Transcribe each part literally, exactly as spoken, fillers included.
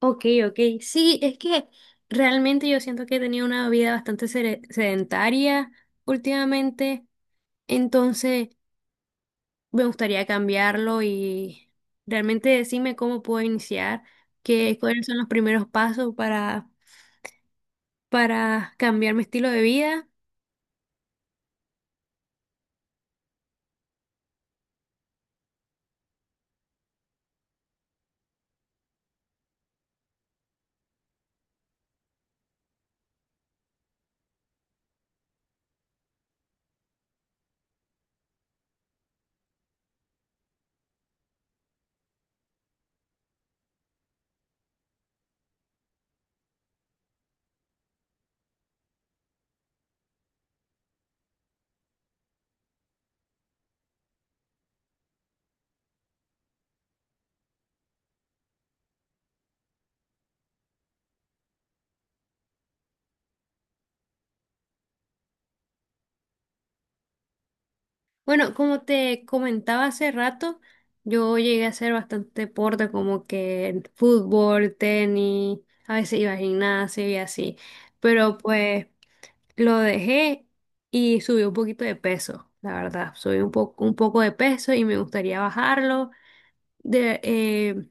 Ok, ok. Sí, es que realmente yo siento que he tenido una vida bastante sere- sedentaria últimamente, entonces me gustaría cambiarlo y realmente decirme cómo puedo iniciar, qué, cuáles son los primeros pasos para, para cambiar mi estilo de vida. Bueno, como te comentaba hace rato, yo llegué a hacer bastante deporte como que fútbol, tenis, a veces iba al gimnasio y así, pero pues... Lo dejé y subí un poquito de peso, la verdad. Subí un poco, un poco de peso y me gustaría bajarlo. De, eh,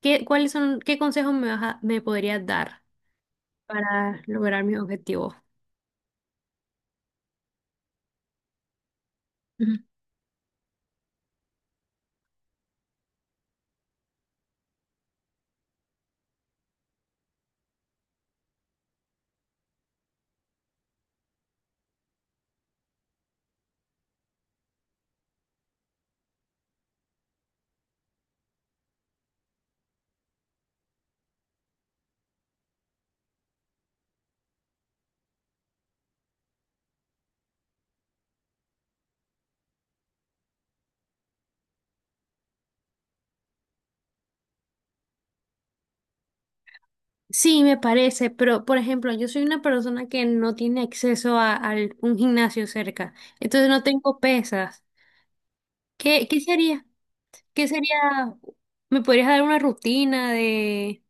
¿qué, cuáles son, qué consejos me, vas a- me podrías dar para lograr mis objetivos? Ujú. Sí, me parece, pero por ejemplo, yo soy una persona que no tiene acceso a, a un gimnasio cerca, entonces no tengo pesas. ¿Qué, qué sería? ¿Qué sería? ¿Me podrías dar una rutina de...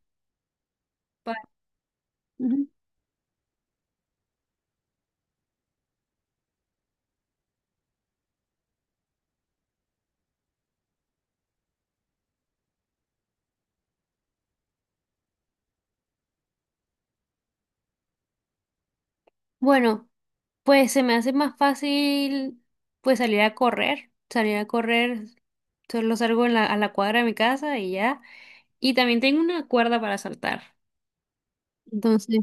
pa- Ujú. Bueno, pues se me hace más fácil pues salir a correr, salir a correr, solo salgo en la- a la cuadra de mi casa y ya. Y también tengo una cuerda para saltar. Entonces,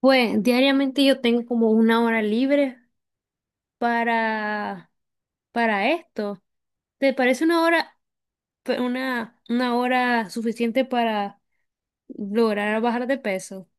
pues diariamente yo tengo como una hora libre para para esto. ¿Te parece una hora pe- una una hora suficiente para lograr bajar de peso?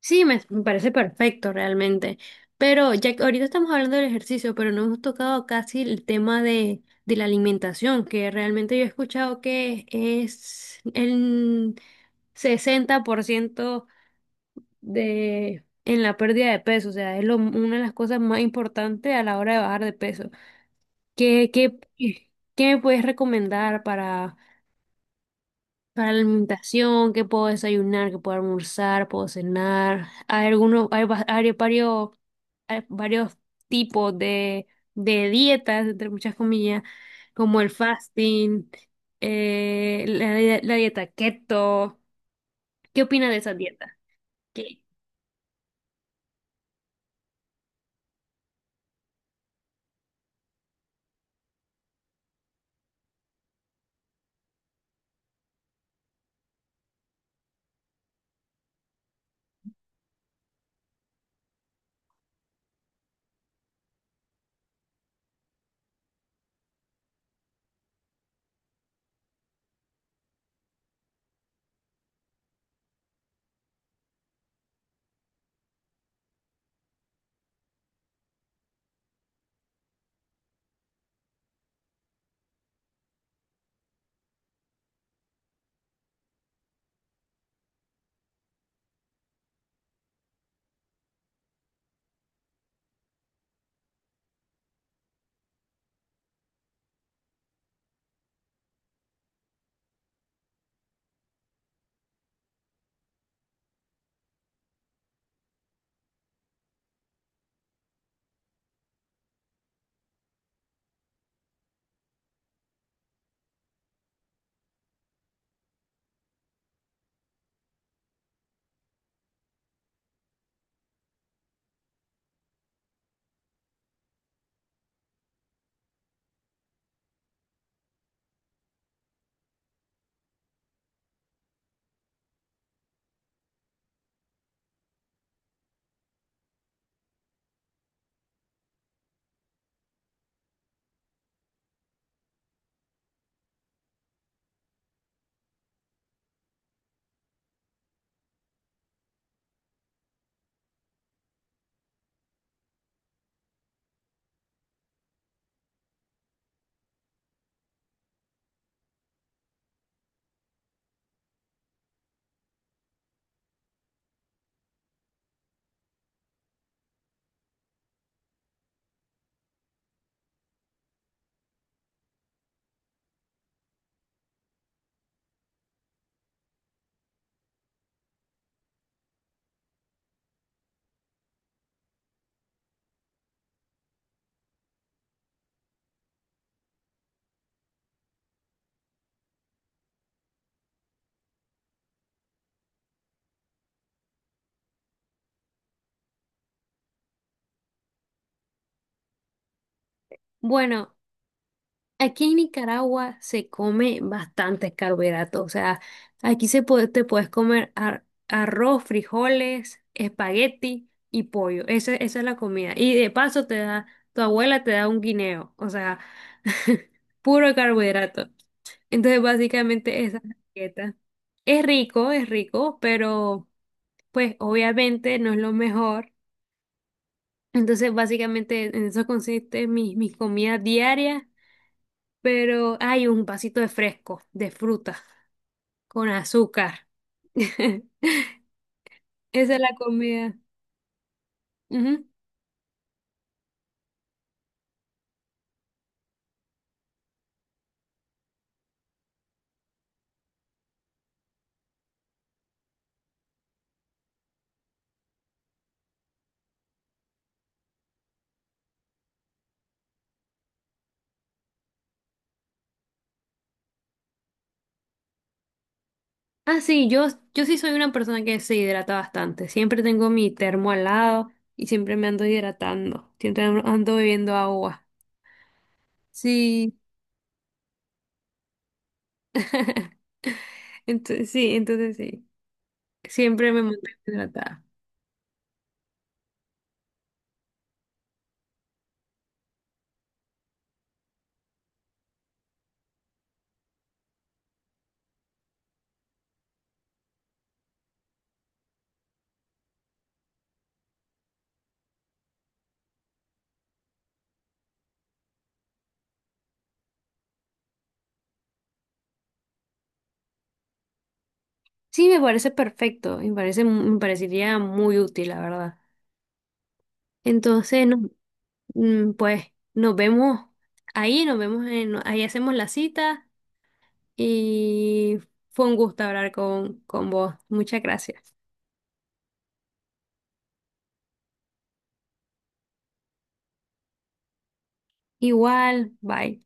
Sí, me, me parece perfecto realmente. Pero ya que ahorita estamos hablando del ejercicio, pero no hemos tocado casi el tema de, de la alimentación, que realmente yo he escuchado que es el sesenta por ciento de, en la pérdida de peso. O sea, es lo- una de las cosas más importantes a la hora de bajar de peso. ¿Qué, qué, qué me puedes recomendar para para la alimentación, qué puedo desayunar, qué puedo almorzar, puedo cenar? Hay algunos, hay, va- hay varios, hay varios tipos de, de dietas, entre muchas comillas, como el fasting, eh, la, la dieta keto. ¿Qué opinas de esa dieta? Que, bueno, aquí en Nicaragua se come bastantes carbohidratos, o sea, aquí se puede, te puedes comer ar- arroz, frijoles, espagueti y pollo. Esa, esa es la comida. Y de paso te da, tu abuela te da un guineo, o sea, puro carbohidrato. Entonces, básicamente esa es la dieta. Es rico, es rico, pero pues obviamente no es lo mejor. Entonces, básicamente en eso consiste mi- mis comidas diarias, pero hay un vasito de fresco, de fruta, con azúcar. Esa es la comida. Ujú. Ah, sí, yo, yo sí soy una persona que se hidrata bastante. Siempre tengo mi termo al lado y siempre me ando hidratando. Siempre ando ando bebiendo agua. Sí. Entonces, sí, entonces sí. Siempre me mantengo hidratada. Sí, me parece perfecto. Me parece, me parecería muy útil, la verdad. Entonces, no. Mm, pues nos vemos ahí, nos vemos en, ahí hacemos la cita y fue un gusto hablar con, con vos. Muchas gracias. Igual, bye.